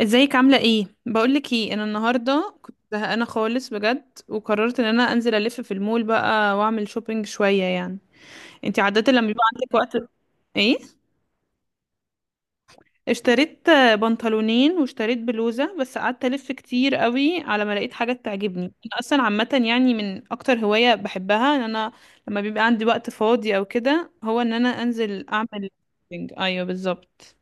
ازيك عاملة ايه؟ بقولك ايه، انا النهاردة كنت زهقانة خالص بجد، وقررت ان انا انزل الف في المول بقى واعمل شوبينج شوية يعني. انتي عادة لما بيبقى عندك وقت ايه؟ اشتريت بنطلونين واشتريت بلوزة، بس قعدت الف كتير قوي على ما لقيت حاجة تعجبني. انا اصلا عامة يعني من اكتر هواية بحبها ان انا لما بيبقى عندي وقت فاضي او كده، هو ان انا انزل اعمل شوبينج. ايوه بالظبط.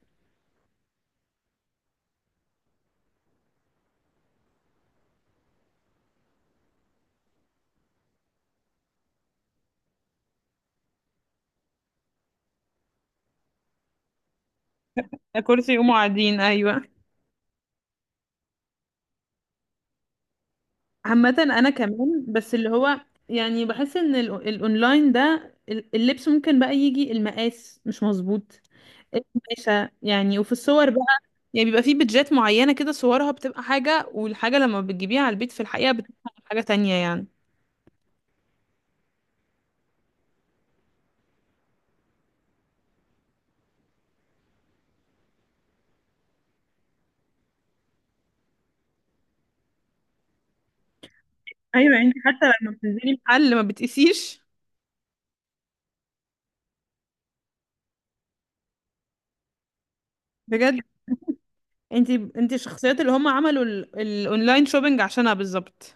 كرسي يقوموا قاعدين، ايوه. عامة انا كمان بس اللي هو، يعني بحس ان الاونلاين ده، اللبس ممكن بقى يجي المقاس مش مظبوط، القماشة يعني. وفي الصور بقى، يعني بيبقى في بيدجات معينة كده صورها بتبقى حاجة، والحاجة لما بتجيبيها على البيت في الحقيقة بتبقى حاجة تانية يعني. ايوه، انت حتى لما بتنزلي محل ما بتقيسيش. بجد. انت انت الشخصيات اللي هم عملوا الاونلاين شوبينج عشانها بالظبط.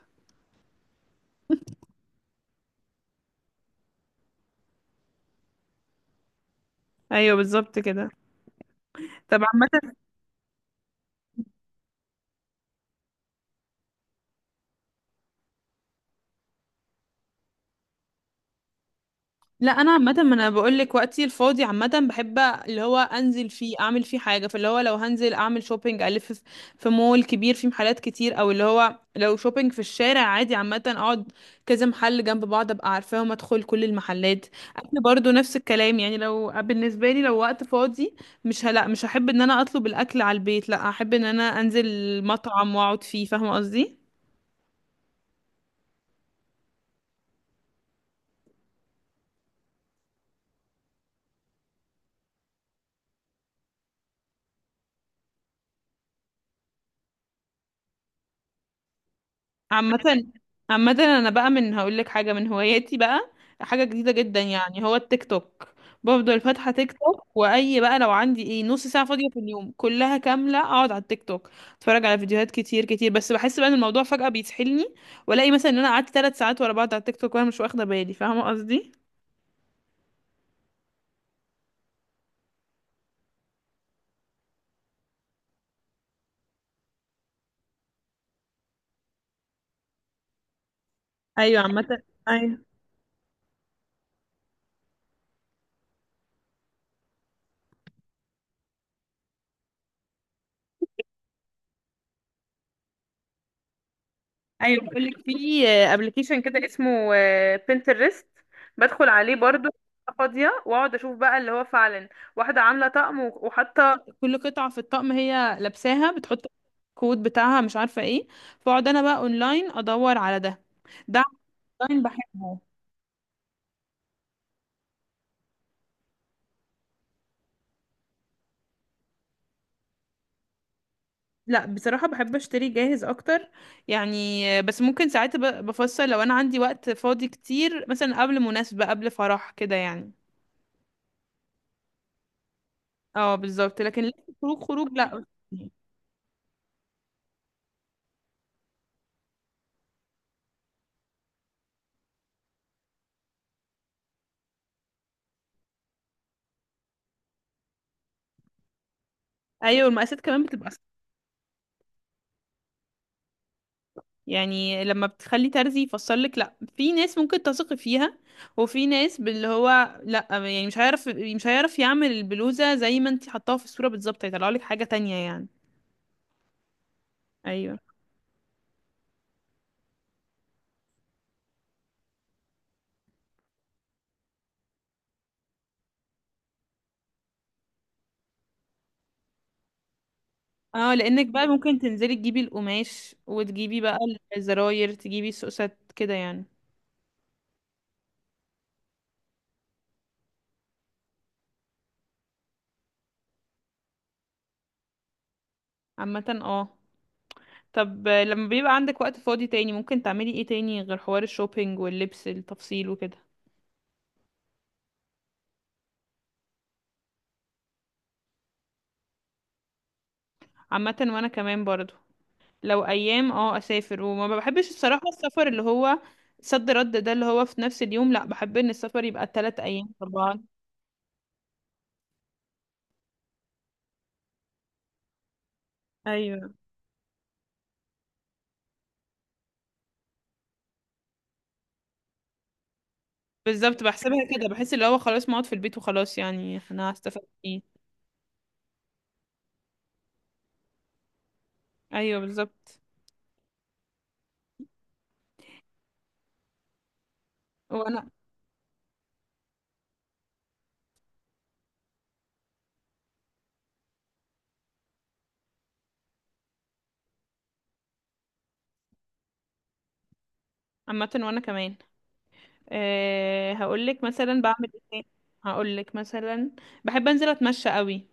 ايوه بالظبط كده. طب عامة، لا انا عامه، ما انا بقول لك وقتي الفاضي عامه بحب اللي هو انزل فيه اعمل فيه حاجه، فاللي هو لو هنزل اعمل شوبينج الف في في مول كبير فيه محلات كتير، او اللي هو لو شوبينج في الشارع عادي عامه اقعد كذا محل جنب بعض ابقى عارفاهم ادخل كل المحلات. اكل برضو نفس الكلام يعني، لو بالنسبه لي لو وقت فاضي مش هلا مش هحب ان انا اطلب الاكل على البيت، لا احب ان انا انزل مطعم واقعد فيه. فاهمه قصدي؟ عامة. عامة انا بقى من هقول لك حاجة من هواياتي بقى، حاجة جديدة جدا يعني، هو التيك توك. بفضل فاتحة تيك توك، واي بقى لو عندي ايه نص ساعة فاضية في اليوم كلها كاملة اقعد على التيك توك اتفرج على فيديوهات كتير كتير، بس بحس بقى ان الموضوع فجأة بيسحلني، والاقي مثلا ان انا قعدت 3 ساعات ورا بعض على التيك توك وانا مش واخدة بالي. فاهمة قصدي؟ ايوه عامة. ايوه. ايوه بقول لك في ابلكيشن كده اسمه بنترست، بدخل عليه برضو فاضيه واقعد اشوف بقى اللي هو فعلا واحده عامله طقم، وحاطه كل قطعه في الطقم هي لابساها، بتحط الكود بتاعها مش عارفه ايه. فاقعد انا بقى اونلاين ادور على ده. ده اونلاين بحبه. لا بصراحه بحب اشتري جاهز اكتر يعني، بس ممكن ساعات بفصل لو انا عندي وقت فاضي كتير، مثلا قبل مناسبه قبل فرح كده يعني. اه بالظبط. لكن لأ، خروج خروج لا. ايوه المقاسات كمان بتبقى صح. يعني لما بتخلي ترزي يفسر لك، لا في ناس ممكن تثقي فيها، وفي ناس باللي هو لا يعني مش هيعرف يعمل البلوزه زي ما انت حطاها في الصوره بالظبط، هيطلع لك حاجه تانية يعني. ايوه. اه لانك بقى ممكن تنزلي تجيبي القماش، وتجيبي بقى الزراير، تجيبي السوسات كده يعني. عامه اه. طب لما بيبقى عندك وقت فاضي تاني، ممكن تعملي ايه تاني غير حوار الشوبينج واللبس التفصيل وكده؟ عامه وانا كمان برضو، لو ايام اه اسافر، وما بحبش الصراحه السفر اللي هو صد رد ده اللي هو في نفس اليوم، لا بحب ان السفر يبقى 3 ايام طبعا. ايوه بالظبط. بحسبها كده، بحس اللي هو خلاص ما اقعد في البيت وخلاص، يعني انا هستفاد ايه؟ ايوه بالظبط. وانا عامه وانا كمان. أه هقول لك مثلا بعمل ايه. هقول لك مثلا بحب انزل اتمشى قوي.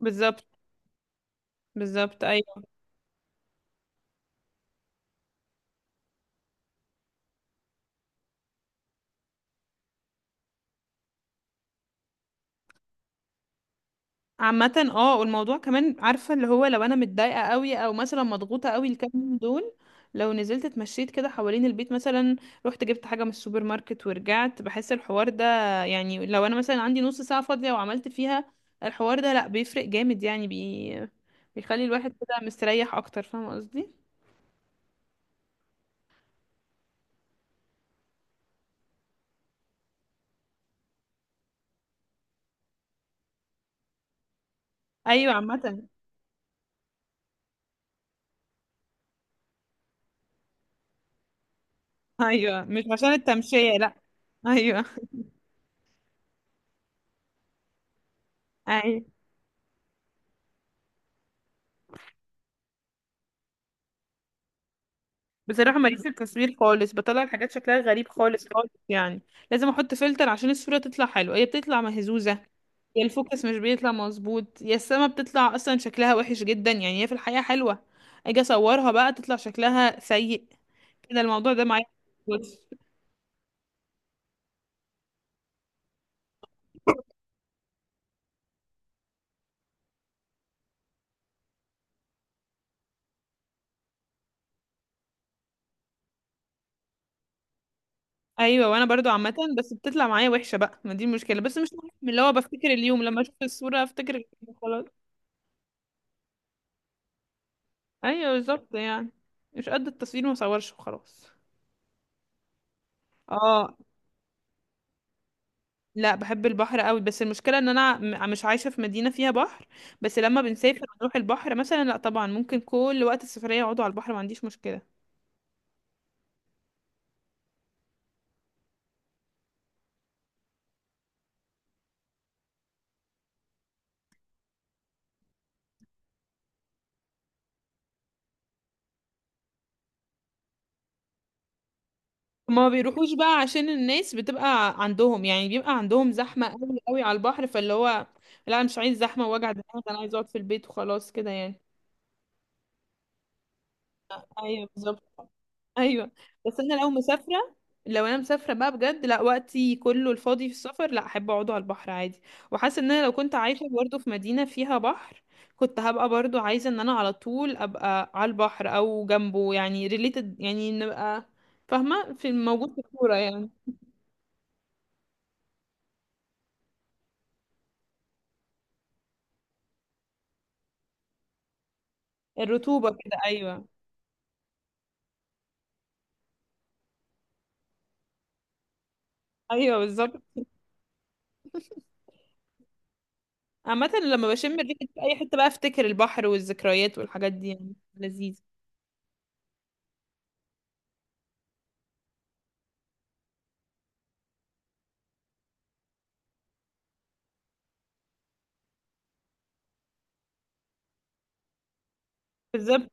بالظبط. بالظبط ايوه. عامة اه، والموضوع كمان عارفة اللي هو لو انا متضايقة قوي او مثلا مضغوطة قوي الكام يوم دول، لو نزلت اتمشيت كده حوالين البيت مثلا، رحت جبت حاجة من السوبر ماركت ورجعت، بحس الحوار ده، يعني لو انا مثلا عندي نص ساعة فاضية وعملت فيها الحوار ده، لا بيفرق جامد يعني بيخلي الواحد كده مستريح اكتر. فاهمة قصدي؟ ايوه عامة. ايوه مش عشان التمشية، لا. ايوه. أيوة. بصراحة ماليش في التصوير خالص، بطلع الحاجات شكلها غريب خالص خالص يعني، لازم احط فلتر عشان الصورة تطلع حلوة، هي بتطلع مهزوزة، يا الفوكس مش بيطلع مظبوط، يا السما بتطلع اصلا شكلها وحش جدا، يعني هي في الحقيقة حلوة، اجي اصورها بقى تطلع شكلها سيء، كده الموضوع ده معايا. بص. ايوه وانا برضو عامة، بس بتطلع معايا وحشة بقى، ما دي المشكلة، بس مش مهم اللي هو بفتكر اليوم لما اشوف الصورة افتكر اليوم خلاص. ايوه بالظبط يعني. مش قد التصوير ما اصورش وخلاص. اه. لا بحب البحر قوي، بس المشكله ان انا مش عايشه في مدينه فيها بحر، بس لما بنسافر ونروح البحر مثلا لا طبعا، ممكن كل وقت السفريه يقعدوا على البحر ما عنديش مشكله. ما بيروحوش بقى عشان الناس بتبقى عندهم يعني، بيبقى عندهم زحمه قوي قوي على البحر، فاللي هو لا انا مش عايز زحمه ووجع دماغ، انا عايز اقعد في البيت وخلاص كده يعني. ايوه بالظبط. ايوه. بس انا لو مسافره، لو انا مسافره بقى بجد، لا وقتي كله الفاضي في السفر، لا احب اقعده على البحر عادي. وحاسه ان انا لو كنت عايشه برضه في مدينه فيها بحر، كنت هبقى برضه عايزه ان انا على طول ابقى على البحر او جنبه، يعني ريليتد يعني، نبقى فاهمه في الموجود في الكوره يعني. الرطوبه كده ايوه. ايوه بالظبط. عامه لما بشم الريحه في اي حته بقى، افتكر البحر والذكريات والحاجات دي، يعني لذيذ. بالظبط.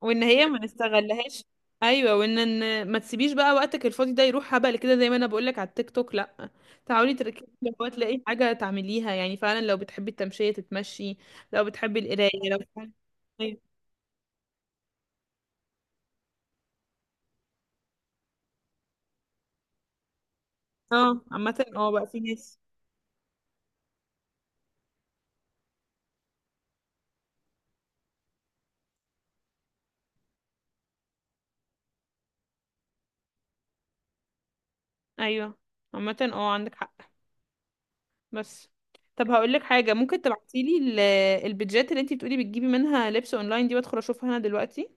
وان هي ما نستغلهاش. ايوه، وان ما تسيبيش بقى وقتك الفاضي ده يروح هبل كده، زي ما انا بقولك على التيك توك لا، تعالي تركزي، لو تلاقي حاجه تعمليها يعني، فعلا لو بتحبي التمشيه تتمشي، لو بتحبي القرايه، لو بتحبي. أيوة. اه عامه اه، بقى في ناس. ايوه عامه اه عندك حق. بس، طب هقول لك حاجه، ممكن تبعتيلي البيدجات اللي انتي بتقولي بتجيبي منها لبس اونلاين دي، وادخل اشوفها انا دلوقتي.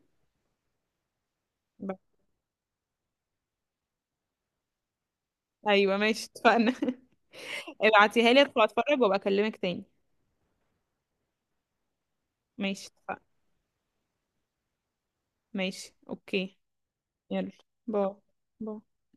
بس. ايوه ماشي اتفقنا ابعتيها لي ادخل اتفرج وابقى اكلمك تاني. ماشي. ماشي اوكي. يلا. باي. باي.